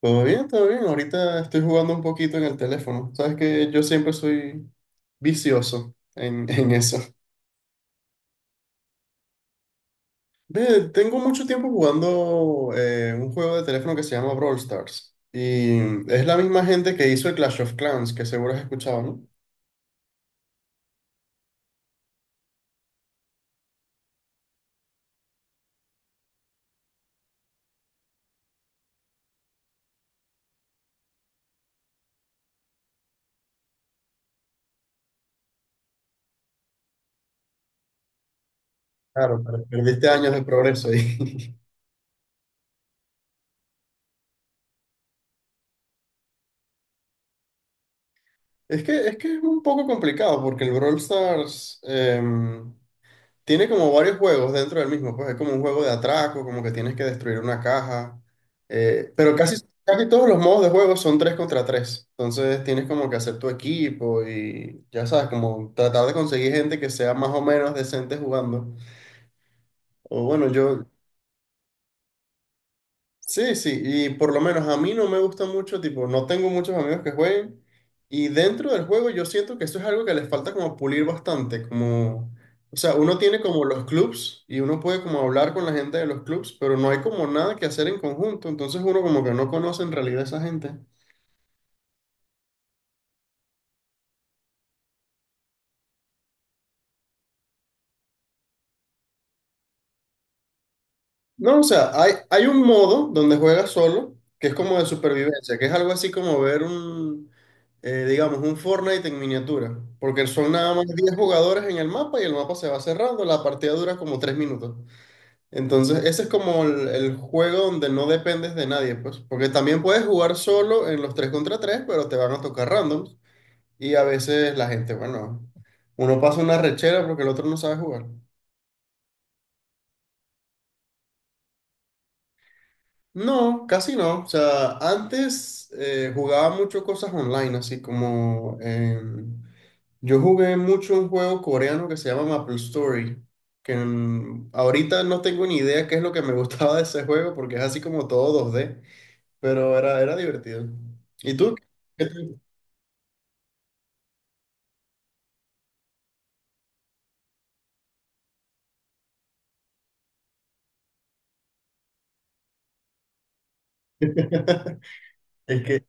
Todo bien, todo bien. Ahorita estoy jugando un poquito en el teléfono. Sabes que yo siempre soy vicioso en, en eso. Ve, tengo mucho tiempo jugando un juego de teléfono que se llama Brawl Stars. Y es la misma gente que hizo el Clash of Clans, que seguro has escuchado, ¿no? Claro, pero perdiste años de progreso ahí. Es que es un poco complicado porque el Brawl Stars tiene como varios juegos dentro del mismo, pues es como un juego de atraco, como que tienes que destruir una caja, pero casi, casi todos los modos de juego son 3 contra tres, entonces tienes como que hacer tu equipo y ya sabes, como tratar de conseguir gente que sea más o menos decente jugando. O bueno, yo. Sí, sí, y por lo menos a mí no me gusta mucho, tipo, no tengo muchos amigos que jueguen y dentro del juego yo siento que eso es algo que les falta como pulir bastante, como, o sea, uno tiene como los clubs y uno puede como hablar con la gente de los clubs, pero no hay como nada que hacer en conjunto, entonces uno como que no conoce en realidad a esa gente. No, o sea, hay un modo donde juegas solo, que es como de supervivencia, que es algo así como ver digamos, un Fortnite en miniatura, porque son nada más 10 jugadores en el mapa y el mapa se va cerrando, la partida dura como 3 minutos. Entonces, ese es como el juego donde no dependes de nadie, pues, porque también puedes jugar solo en los 3 contra 3, pero te van a tocar randoms y a veces la gente, bueno, uno pasa una rechera porque el otro no sabe jugar. No, casi no. O sea, antes jugaba mucho cosas online, así como yo jugué mucho un juego coreano que se llama Maple Story, que ahorita no tengo ni idea qué es lo que me gustaba de ese juego porque es así como todo 2D, pero era, era divertido. ¿Y tú? ¿Qué te- Es que,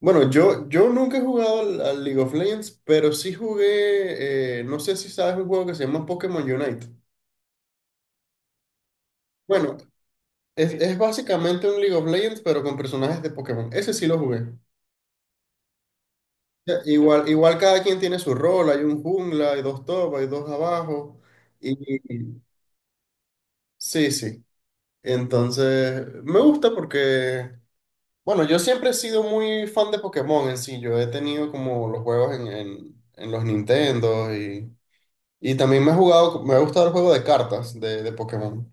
bueno, yo nunca he jugado al League of Legends, pero sí jugué, no sé si sabes un juego que se llama Pokémon Unite. Bueno, es básicamente un League of Legends, pero con personajes de Pokémon. Ese sí lo jugué. Ya, igual, igual cada quien tiene su rol. Hay un jungla, hay dos top, hay dos abajo. Y sí, sí. Entonces, me gusta porque, bueno, yo siempre he sido muy fan de Pokémon en sí. Yo he tenido como los juegos en los Nintendo y también me he jugado, me ha gustado el juego de cartas de Pokémon.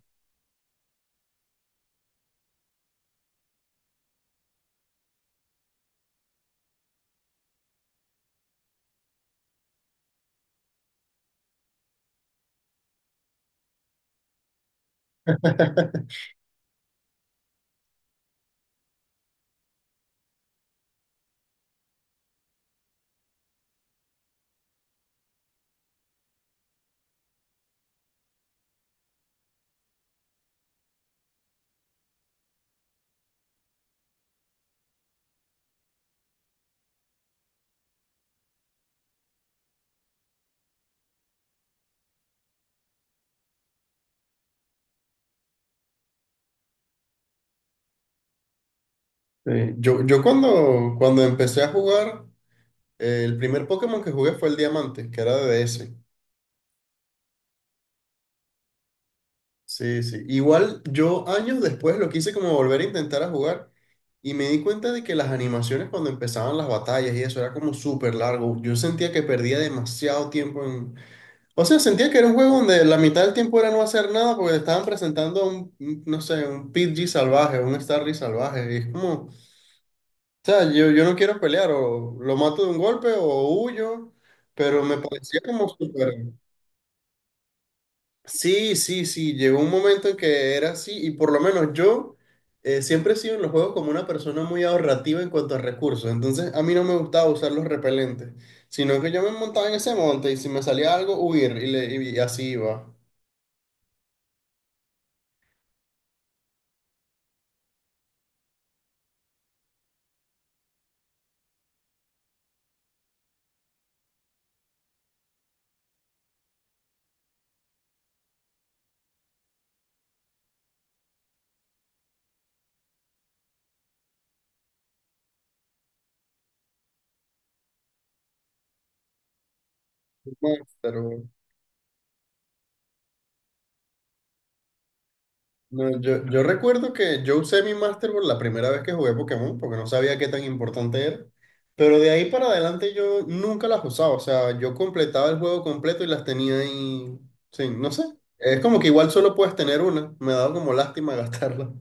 Sí, yo cuando, cuando empecé a jugar. El primer Pokémon que jugué fue el Diamante, que era de DS. Sí, sí. Igual yo años después lo quise como volver a intentar a jugar y me di cuenta de que las animaciones cuando empezaban las batallas y eso era como súper largo. Yo sentía que perdía demasiado tiempo en... O sea, sentía que era un juego donde la mitad del tiempo era no hacer nada porque te estaban presentando no sé, un Pidgey salvaje, un Starry salvaje. Y es como, o sea, yo no quiero pelear, o lo mato de un golpe o huyo, pero me parecía como súper... Sí, sí, sí, llegó un momento en que era así y por lo menos yo siempre he sido en los juegos como una persona muy ahorrativa en cuanto a recursos, entonces a mí no me gustaba usar los repelentes, sino que yo me montaba en ese monte y si me salía algo, huir y, y así iba. Pero. No, yo recuerdo que yo usé mi Masterboard la primera vez que jugué Pokémon, porque no sabía qué tan importante era. Pero de ahí para adelante yo nunca las usaba. O sea, yo completaba el juego completo y las tenía ahí. Sí, no sé. Es como que igual solo puedes tener una. Me ha dado como lástima gastarla.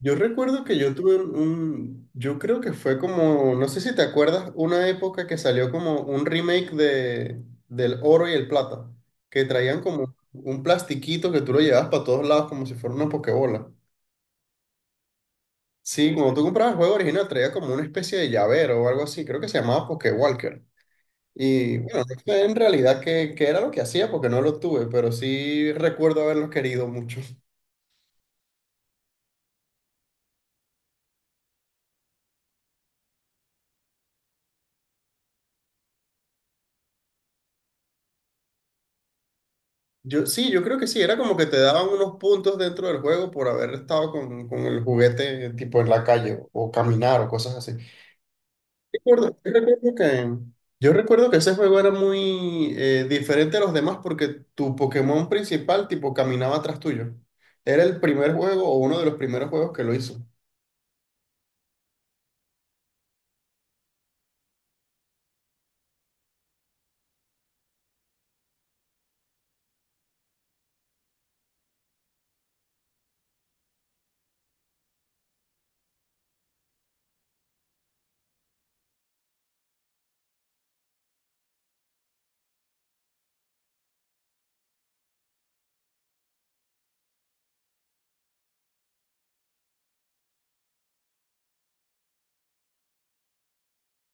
Yo recuerdo que yo tuve yo creo que fue como, no sé si te acuerdas, una época que salió como un remake del Oro y el Plata, que traían como un plastiquito que tú lo llevabas para todos lados como si fuera una pokebola. Sí, cuando tú comprabas el juego original traía como una especie de llavero o algo así, creo que se llamaba Pokewalker. Y bueno, no sé en realidad qué era lo que hacía porque no lo tuve, pero sí recuerdo haberlo querido mucho. Yo, sí, yo creo que sí, era como que te daban unos puntos dentro del juego por haber estado con el juguete tipo en la calle o caminar o cosas así. Recuerdo- yo recuerdo que, yo recuerdo que ese juego era muy diferente a los demás porque tu Pokémon principal tipo caminaba atrás tuyo. Era el primer juego o uno de los primeros juegos que lo hizo.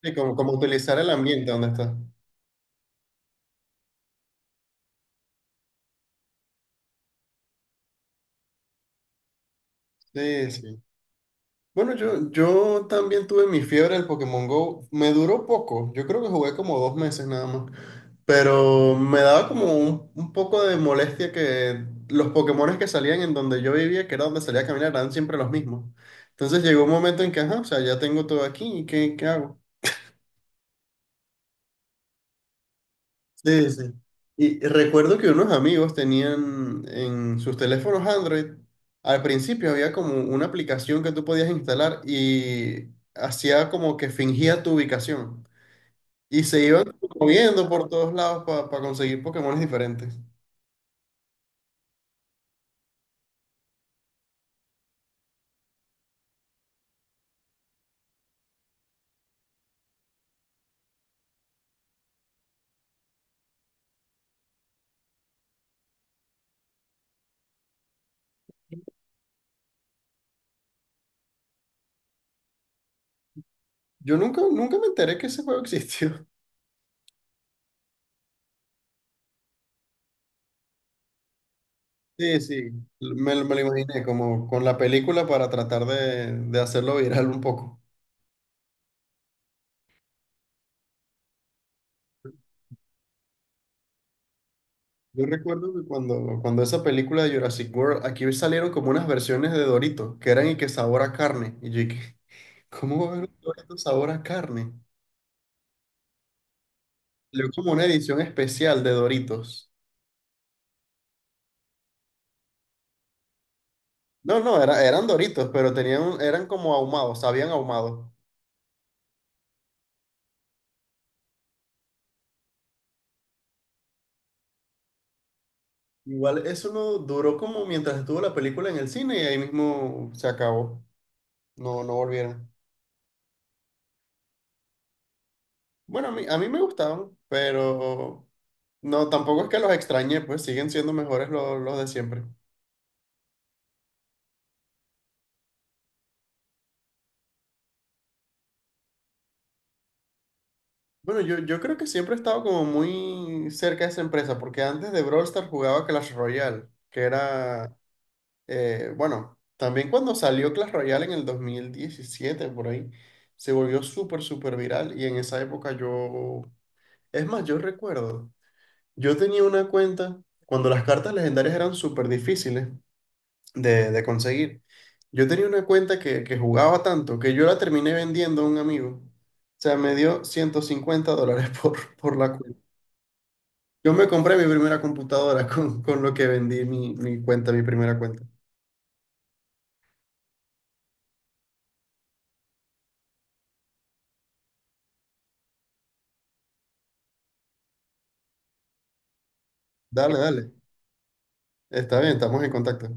Sí, como, como utilizar el ambiente donde estás. Sí, sí. Bueno, yo también tuve mi fiebre del Pokémon Go. Me duró poco. Yo creo que jugué como 2 meses nada más. Pero me daba como un poco de molestia que los Pokémones que salían en donde yo vivía, que era donde salía a caminar, eran siempre los mismos. Entonces llegó un momento en que, ajá, o sea, ya tengo todo aquí, ¿y qué hago? Sí, sí. Y recuerdo que unos amigos tenían en sus teléfonos Android, al principio había como una aplicación que tú podías instalar y hacía como que fingía tu ubicación. Y se iban moviendo por todos lados para conseguir Pokémones diferentes. Yo nunca, nunca me enteré que ese juego existió. Sí, sí, me lo imaginé como con la película para tratar de hacerlo viral un poco. Yo recuerdo que cuando esa película de Jurassic World, aquí salieron como unas versiones de Doritos, que eran y que sabor a carne. Y yo dije, ¿cómo va a haber un Doritos sabor a carne? Salió como una edición especial de Doritos. No, no, era- eran Doritos, pero tenían, un- eran como ahumados, sabían ahumado. Igual eso no duró como mientras estuvo la película en el cine y ahí mismo se acabó. No, no volvieron. Bueno, a mí me gustaban, pero no, tampoco es que los extrañé, pues siguen siendo mejores los de siempre. Bueno, yo creo que siempre he estado como muy cerca de esa empresa, porque antes de Brawl Stars jugaba Clash Royale, que era, bueno, también cuando salió Clash Royale en el 2017 por ahí, se volvió súper, súper viral y en esa época yo, es más, yo recuerdo, yo tenía una cuenta cuando las cartas legendarias eran súper difíciles de conseguir. Yo tenía una cuenta que jugaba tanto que yo la terminé vendiendo a un amigo. O sea, me dio $150 por. La yo me compré mi primera computadora con lo que vendí mi, mi cuenta, mi primera cuenta. Dale, dale. Está bien, estamos en contacto.